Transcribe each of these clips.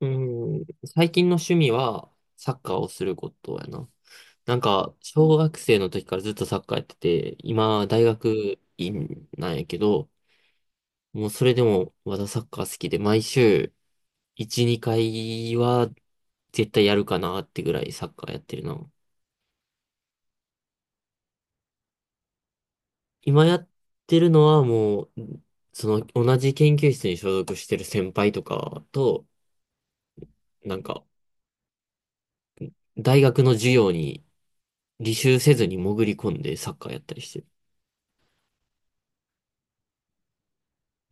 うん、最近の趣味はサッカーをすることやな。なんか、小学生の時からずっとサッカーやってて、今、大学院なんやけど、もうそれでもまだサッカー好きで、毎週1、2回は絶対やるかなってぐらいサッカーやってるな。今やってるのはもう、その同じ研究室に所属してる先輩とかと、なんか、大学の授業に履修せずに潜り込んでサッカーやったりしてる。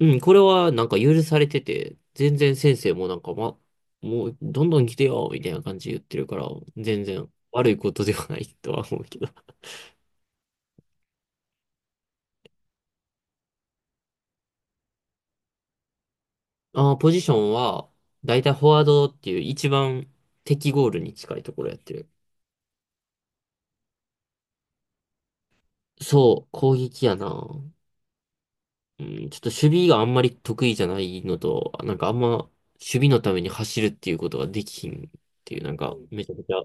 うん、これはなんか許されてて、全然先生もなんか、ま、もうどんどん来てよ、みたいな感じで言ってるから、全然悪いことではないとは思うけど。ポジションは、だいたいフォワードっていう一番敵ゴールに近いところやってる。そう、攻撃やな。うん、ちょっと守備があんまり得意じゃないのと、なんかあんま守備のために走るっていうことができひんっていう、なんかめちゃくちゃ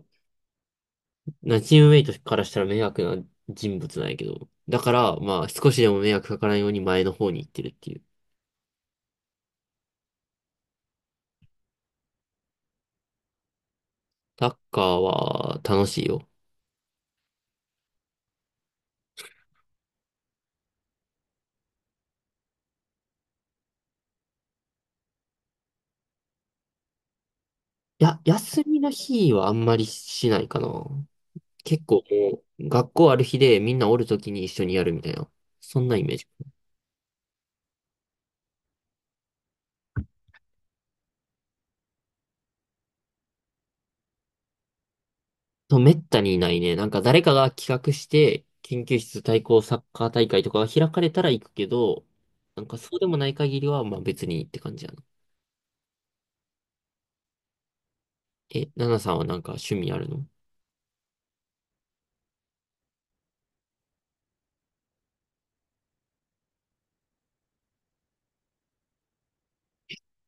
な、チームメイトからしたら迷惑な人物なんやけど。だから、まあ、少しでも迷惑かからんように前の方に行ってるっていう。サッカーは楽しいよ。いや、休みの日はあんまりしないかな。結構もう、学校ある日でみんなおるときに一緒にやるみたいな。そんなイメージ。とめったにいないね。なんか誰かが企画して、研究室対抗サッカー大会とかが開かれたら行くけど、なんかそうでもない限りは、まあ別にって感じやな。え、ナナさんはなんか趣味あるの？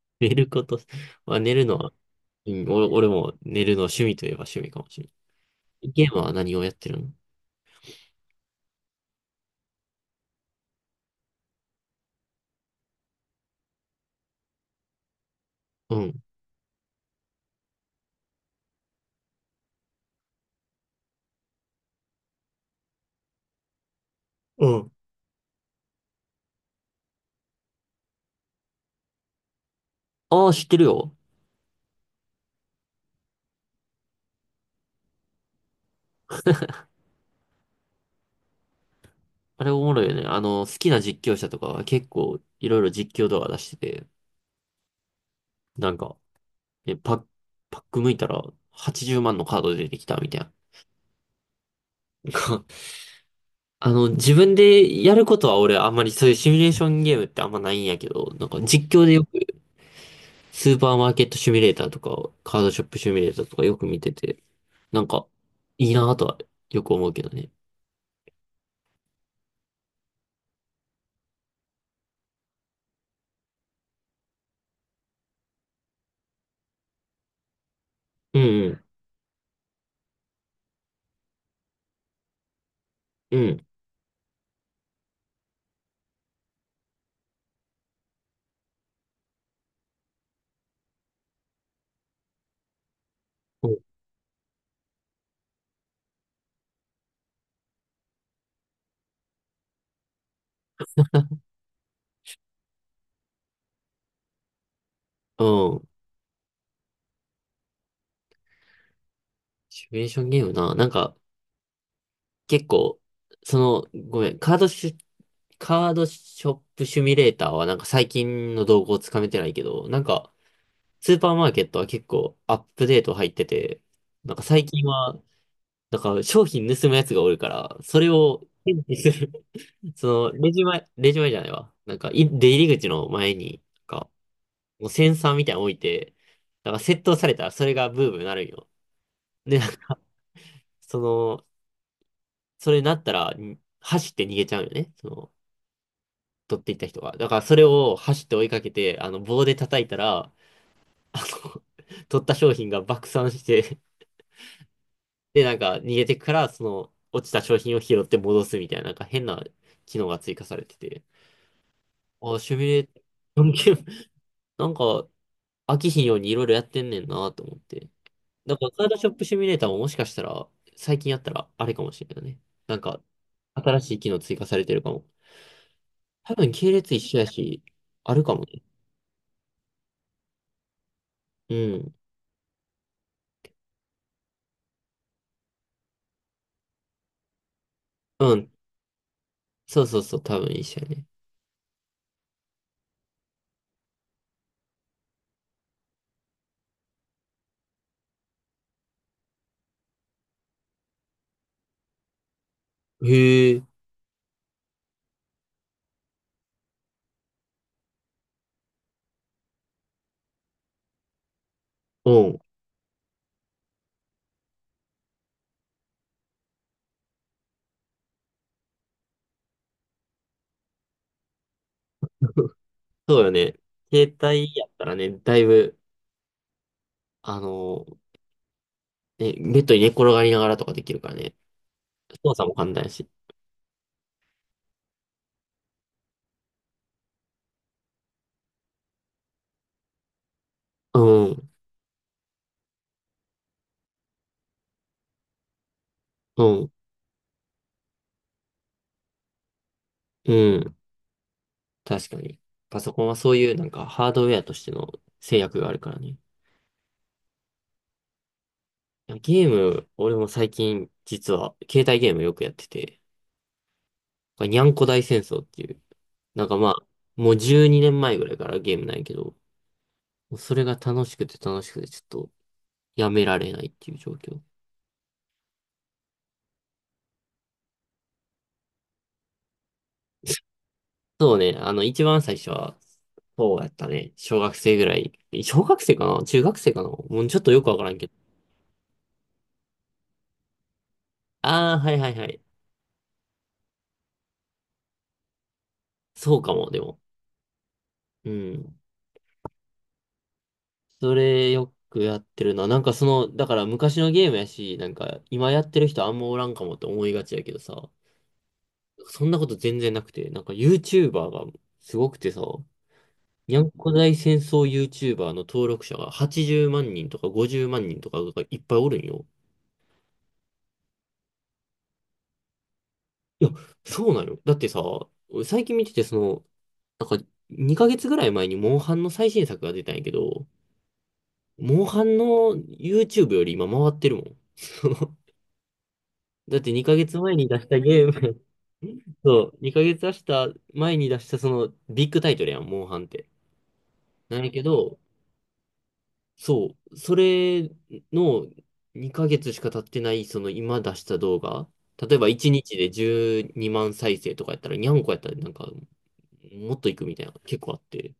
寝ること、まあ、寝るのは、うん、俺も寝るの趣味といえば趣味かもしれない。ゲームは何をやってるの？うん。うん。ああ、知ってるよ。あれおもろいよね。あの、好きな実況者とかは結構いろいろ実況動画出してて、なんか、え、パッ、パック向いたら80万のカード出てきたみたいな。あの、自分でやることは俺あんまりそういうシミュレーションゲームってあんまないんやけど、なんか実況でよくスーパーマーケットシミュレーターとか、カードショップシミュレーターとかよく見てて、なんか、いいなぁとはよく思うけどね。うんうん、うん、うん。シミュレーションゲームな。なんか、結構、その、ごめん、カードショップシミュレーターはなんか最近の動向をつかめてないけど、なんか、スーパーマーケットは結構アップデート入ってて、なんか最近は、なんか商品盗むやつがおるから、それを検知するその、レジ前、レジ前じゃないわ。なんか、出入り口の前に、なんか、もうセンサーみたいなの置いて、なんか、窃盗されたらそれがブームになるんよ。で、なんか、その、それになったら、走って逃げちゃうよね。その、取っていった人が。だから、それを走って追いかけて、あの、棒で叩いたら、あの、取った商品が爆散して、で、なんか、逃げてから、その、落ちた商品を拾って戻すみたいな、なんか変な機能が追加されてて、シミュレーションゲーム、なんか、飽きひんようにいろいろやってんねんなと思って。だからカードショップシミュレーターももしかしたら、最近やったらあれかもしれないね。なんか、新しい機能追加されてるかも。多分系列一緒やし、あるかもね。うん。うん。そうそうそう、多分一緒やね。へえ。うん。そうよね。携帯やったらね、だいぶ、あのー、ね、ベッドに寝転がりながらとかできるからね。操作も簡単やし。うん。うん。うん。確かに。パソコンはそういうなんかハードウェアとしての制約があるからね。いやゲーム、俺も最近実は携帯ゲームよくやってて、これにゃんこ大戦争っていう、なんかまあ、もう12年前ぐらいからゲームないけど、もうそれが楽しくて楽しくてちょっとやめられないっていう状況。そうね、あの一番最初は、そうやったね。小学生ぐらい。小学生かな中学生かなもうちょっとよくわからんけど。ああ、はいはいはい。そうかも、でも。うん。それよくやってるな。なんかその、だから昔のゲームやし、なんか今やってる人あんまおらんかもって思いがちやけどさ、そんなこと全然なくて、なんか YouTuber がすごくてさ、にゃんこ大戦争 YouTuber の登録者が80万人とか50万人とかがいっぱいおるんよ。いや、そうなのよ。だってさ、最近見ててその、なんか2ヶ月ぐらい前にモンハンの最新作が出たんやけど、モンハンの YouTube より今回ってるもん。だって2ヶ月前に出したゲーム そう、2ヶ月出した前に出したそのビッグタイトルやん、モンハンって。なんやけど、そう、それの2ヶ月しか経ってない、その今出した動画、例えば1日で12万再生とかやったら、にゃんこやったらなんか、もっといくみたいな、結構あって、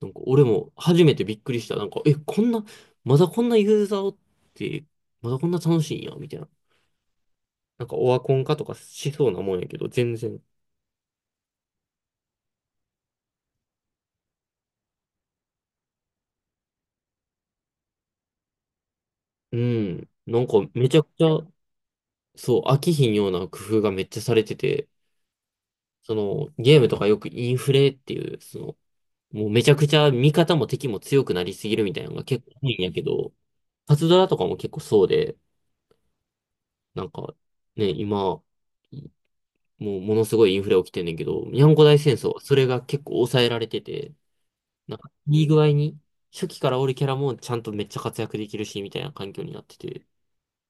なんか俺も初めてびっくりした。なんか、え、こんな、まだこんなユーザーおって、まだこんな楽しいんや、みたいな。なんかオワコン化とかしそうなもんやけど、全然。うん。なんかめちゃくちゃ、そう、飽きひんような工夫がめっちゃされてて、そのゲームとかよくインフレっていう、その、もうめちゃくちゃ味方も敵も強くなりすぎるみたいなのが結構多いんやけど、パズドラとかも結構そうで、なんかね、今、いもうものすごいインフレ起きてんねんけど、にゃんこ大戦争はそれが結構抑えられてて、なんかいい具合に、初期からおるキャラもちゃんとめっちゃ活躍できるし、みたいな環境になってて、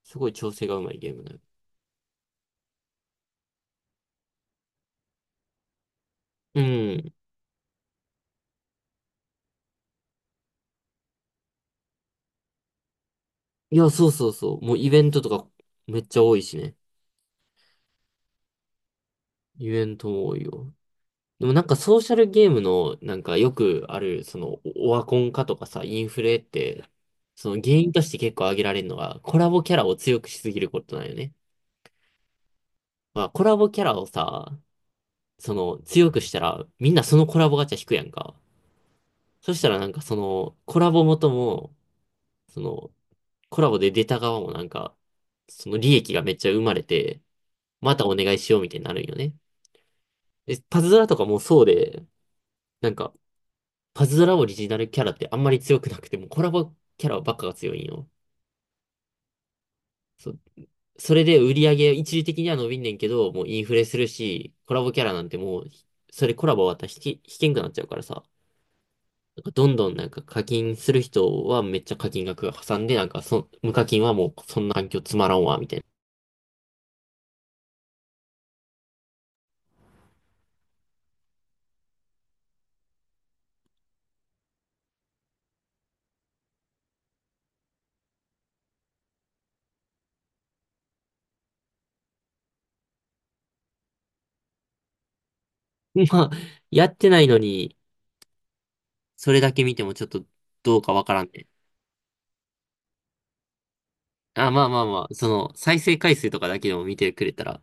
すごい調整がうまいゲームだよ。うん。いや、そうそうそう。もうイベントとかめっちゃ多いしね。イベントも多いよ。でもなんかソーシャルゲームのなんかよくある、そのオワコン化とかさ、インフレって、その原因として結構挙げられるのが、コラボキャラを強くしすぎることなんよね。まあ、コラボキャラをさ、その強くしたらみんなそのコラボガチャ引くやんか。そしたらなんかそのコラボ元も、そのコラボで出た側もなんか、その利益がめっちゃ生まれて、またお願いしようみたいになるんよね。え、パズドラとかもそうで、なんか、パズドラオリジナルキャラってあんまり強くなくても、コラボキャラばっかが強いんよ。そ、それで売り上げ一時的には伸びんねんけど、もうインフレするし、コラボキャラなんてもう、それコラボ終わったら引けんくなっちゃうからさ。なんかどんどんなんか課金する人はめっちゃ課金額が挟んで、なんか無課金はもうそんな環境つまらんわ、みたいな。まあ、やってないのに、それだけ見てもちょっとどうかわからんね。あ、まあまあまあ、その、再生回数とかだけでも見てくれたら、